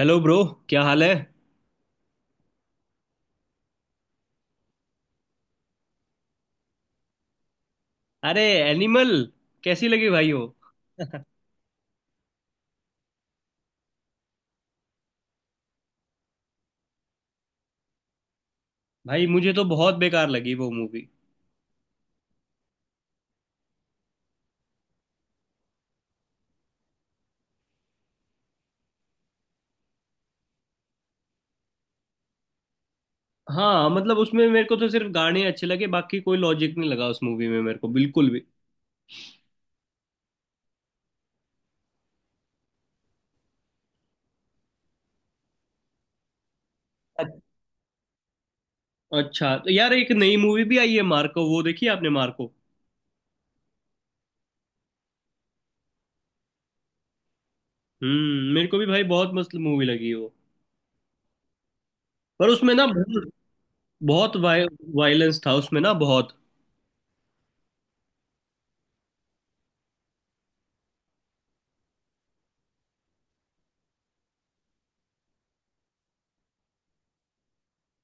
Hello bro. क्या हाल है? अरे एनिमल कैसी लगी भाई हो? भाई मुझे तो बहुत बेकार लगी वो मूवी। हाँ मतलब उसमें मेरे को तो सिर्फ गाने अच्छे लगे, बाकी कोई लॉजिक नहीं लगा उस मूवी में मेरे को बिल्कुल भी। अच्छा तो यार एक नई मूवी भी आई है मार्को, वो देखी आपने मार्को? मेरे को भी भाई बहुत मस्त मूवी लगी वो। पर उसमें ना बहुत, बहुत वायलेंस था उसमें ना बहुत।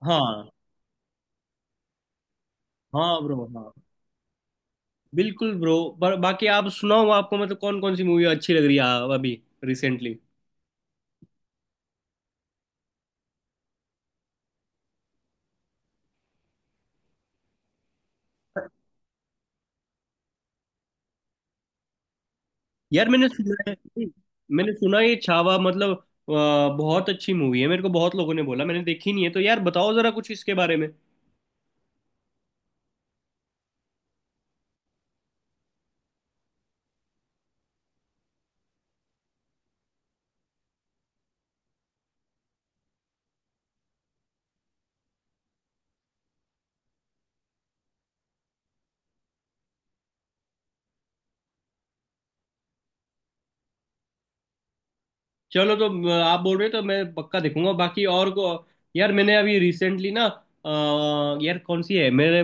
हाँ, हाँ ब्रो हाँ। बिल्कुल ब्रो। पर बाकी आप सुनाओ, आपको मतलब कौन कौन सी मूवी अच्छी लग रही है अभी, रिसेंटली? यार मैंने सुना है, मैंने सुना ये छावा मतलब बहुत अच्छी मूवी है, मेरे को बहुत लोगों ने बोला, मैंने देखी नहीं है, तो यार बताओ जरा कुछ इसके बारे में। चलो तो आप बोल रहे हो तो मैं पक्का देखूंगा। बाकी और को, यार मैंने अभी रिसेंटली ना यार कौन सी है मेरे,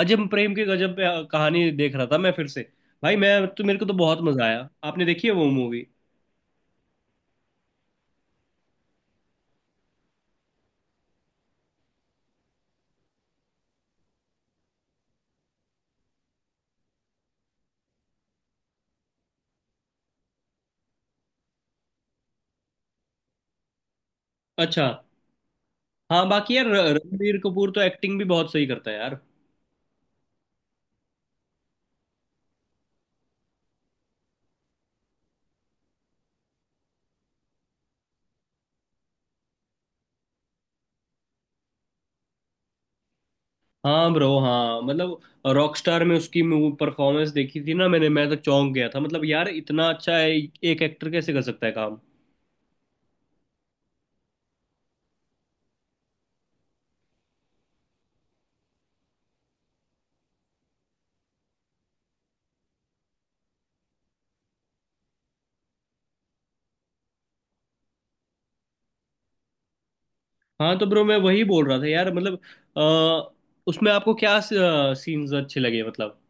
अजम प्रेम की गजब पे कहानी देख रहा था मैं फिर से। भाई मैं तो, मेरे को तो बहुत मजा आया। आपने देखी है वो मूवी? अच्छा। हाँ बाकी यार रणबीर कपूर तो एक्टिंग भी बहुत सही करता है यार। हाँ ब्रो, हाँ मतलब रॉकस्टार में उसकी परफॉर्मेंस देखी थी ना मैंने, मैं तो चौंक गया था, मतलब यार इतना अच्छा है, एक एक्टर कैसे कर सकता है काम। हाँ तो ब्रो मैं वही बोल रहा था यार मतलब, अ, उसमें आपको क्या सीन्स अच्छे लगे मतलब?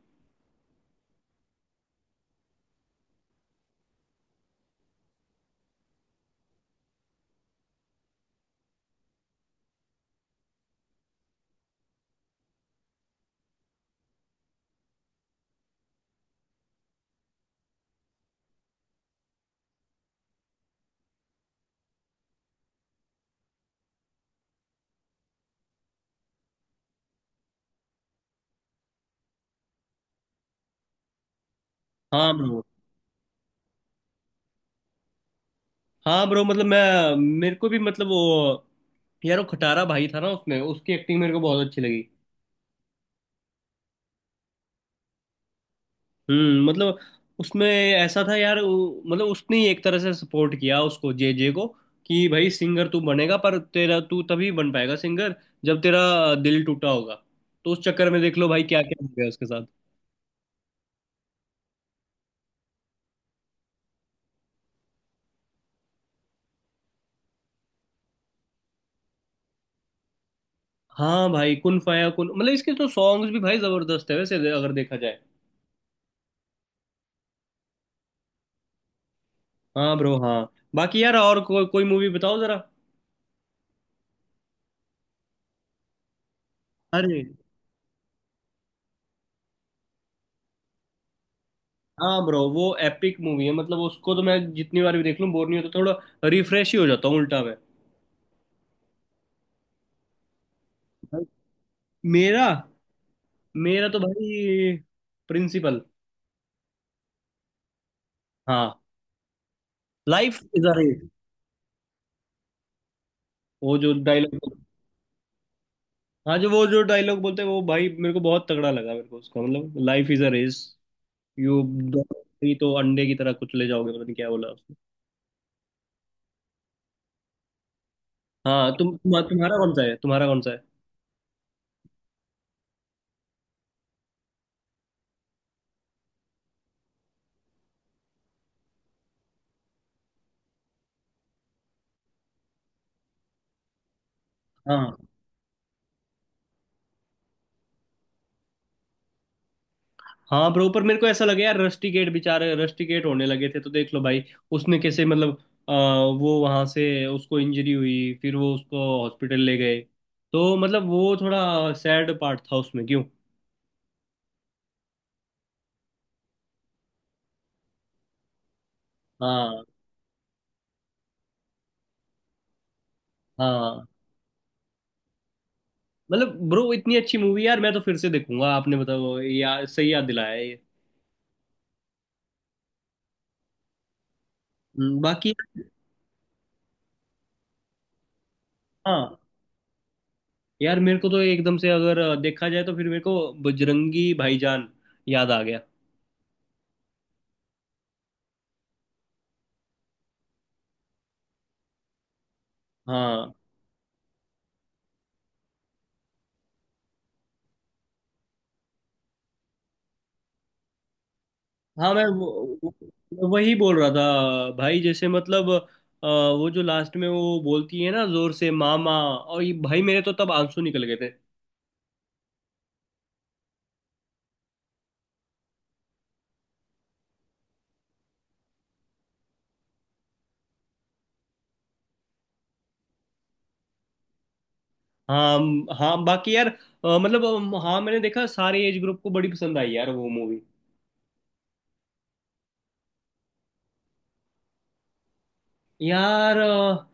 हाँ ब्रो, हाँ ब्रो मतलब मैं, मेरे को भी मतलब वो, यार वो खटारा भाई था ना उसमें, उसकी एक्टिंग मेरे को बहुत अच्छी लगी। मतलब उसमें ऐसा था यार, मतलब उसने ही एक तरह से सपोर्ट किया उसको, जे जे को, कि भाई सिंगर तू बनेगा, पर तेरा तू तभी बन पाएगा सिंगर जब तेरा दिल टूटा होगा। तो उस चक्कर में देख लो भाई क्या क्या हो गया उसके साथ। हाँ भाई कुन फाया कुन मतलब इसके तो सॉन्ग्स भी भाई जबरदस्त है वैसे अगर देखा जाए। हाँ ब्रो, हाँ बाकी यार और कोई मूवी बताओ जरा। अरे हाँ ब्रो वो एपिक मूवी है मतलब उसको तो मैं जितनी बार भी देख लूँ बोर नहीं होता, थोड़ा रिफ्रेश ही हो जाता हूँ उल्टा मैं। मेरा मेरा तो भाई प्रिंसिपल। हाँ, लाइफ इज अ रेस, वो जो डायलॉग, हाँ जो वो जो डायलॉग बोलते हैं वो भाई मेरे को बहुत तगड़ा लगा, मेरे को उसका मतलब life is a race, you दौड़ोगी तो अंडे की तरह कुचले जाओगे, पता नहीं क्या बोला उसने। हाँ तुम्हारा कौन सा है, तुम्हारा कौन सा है? हाँ, हाँ ब्रो। पर मेरे को ऐसा लगे यार, रस्टिकेट बेचारे रस्टिकेट होने लगे थे, तो देख लो भाई उसने कैसे मतलब, अ, वो वहां से उसको इंजरी हुई फिर वो उसको हॉस्पिटल ले गए, तो मतलब वो थोड़ा सैड पार्ट था उसमें क्यों। हाँ, हाँ। मतलब ब्रो इतनी अच्छी मूवी यार, मैं तो फिर से देखूंगा। आपने बताओ यार, सही याद दिलाया ये। बाकी हाँ यार मेरे को तो एकदम से अगर देखा जाए, तो फिर मेरे को बजरंगी भाईजान याद आ गया। हाँ, हाँ मैं वही बोल रहा था भाई, जैसे मतलब वो जो लास्ट में वो बोलती है ना जोर से मामा, और ये भाई मेरे तो तब आंसू निकल गए थे। हाँ, हाँ बाकी यार मतलब हाँ मैंने देखा सारे एज ग्रुप को बड़ी पसंद आई यार वो मूवी। यार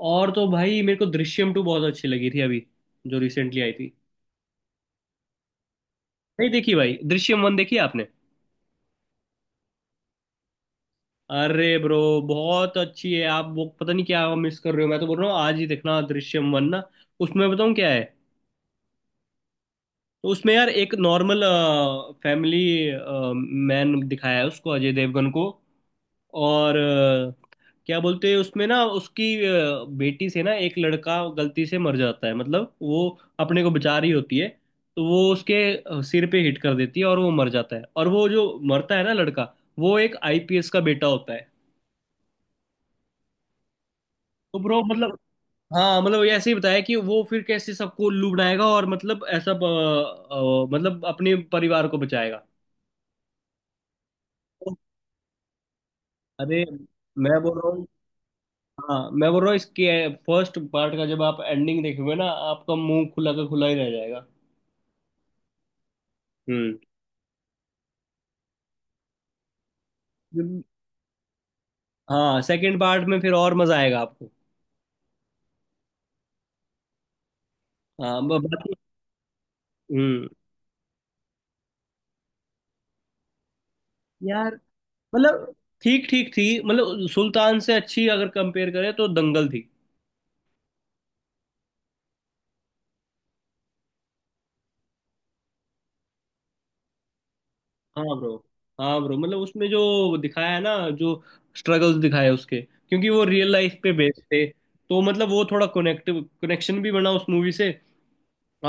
और तो भाई मेरे को दृश्यम टू बहुत अच्छी लगी थी अभी, जो रिसेंटली आई थी। नहीं देखी भाई दृश्यम वन, देखी आपने? अरे ब्रो बहुत अच्छी है, आप वो पता नहीं क्या मिस कर रहे हो, मैं तो बोल रहा हूँ आज ही देखना दृश्यम वन ना। उसमें बताऊँ क्या है? तो उसमें यार एक नॉर्मल फैमिली मैन दिखाया है उसको, अजय देवगन को, और क्या बोलते हैं उसमें ना, उसकी बेटी से ना एक लड़का गलती से मर जाता है, मतलब वो अपने को बचा रही होती है, तो वो उसके सिर पे हिट कर देती है और वो मर जाता है। और वो जो मरता है ना लड़का, वो एक आईपीएस का बेटा होता है। तो ब्रो मतलब, हाँ मतलब ये ऐसे ही बताया कि वो फिर कैसे सबको उल्लू बनाएगा और मतलब ऐसा मतलब अपने परिवार को बचाएगा। अरे मैं बोल रहा हूँ, हाँ मैं बोल रहा हूँ इसके फर्स्ट पार्ट का जब आप एंडिंग देखोगे ना, आपका मुंह खुला का खुला ही रह जाएगा। हम्म। हम्म, हाँ सेकंड पार्ट में फिर और मजा आएगा आपको। हाँ बाकी। हम्म। यार मतलब ठीक ठीक थी, मतलब सुल्तान से अच्छी अगर कंपेयर करें तो दंगल थी। हाँ ब्रो, हाँ ब्रो मतलब उसमें जो दिखाया है ना, जो स्ट्रगल्स दिखाए उसके, क्योंकि वो रियल लाइफ पे बेस्ड थे, तो मतलब वो थोड़ा कनेक्टिव कनेक्शन भी बना उस मूवी से।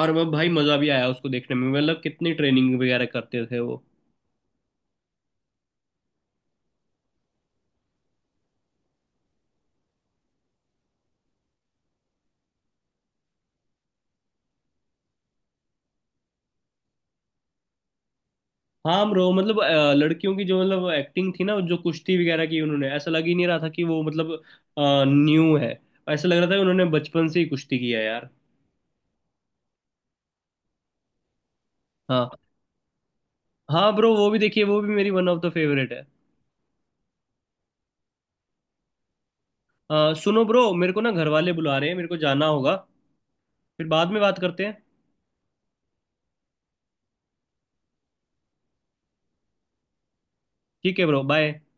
और वो भाई मजा भी आया उसको देखने में, मतलब कितनी ट्रेनिंग वगैरह करते थे वो। हाँ ब्रो मतलब लड़कियों की जो मतलब एक्टिंग थी ना, जो कुश्ती वगैरह की, उन्होंने ऐसा लग ही नहीं रहा था कि वो मतलब न्यू है, ऐसा लग रहा था कि उन्होंने बचपन से ही कुश्ती किया है यार। हाँ। हाँ ब्रो वो भी देखिए, वो भी मेरी वन ऑफ द फेवरेट है। सुनो ब्रो मेरे को ना घर वाले बुला रहे हैं, मेरे को जाना होगा, फिर बाद में बात करते हैं। ठीक है ब्रो, बाय।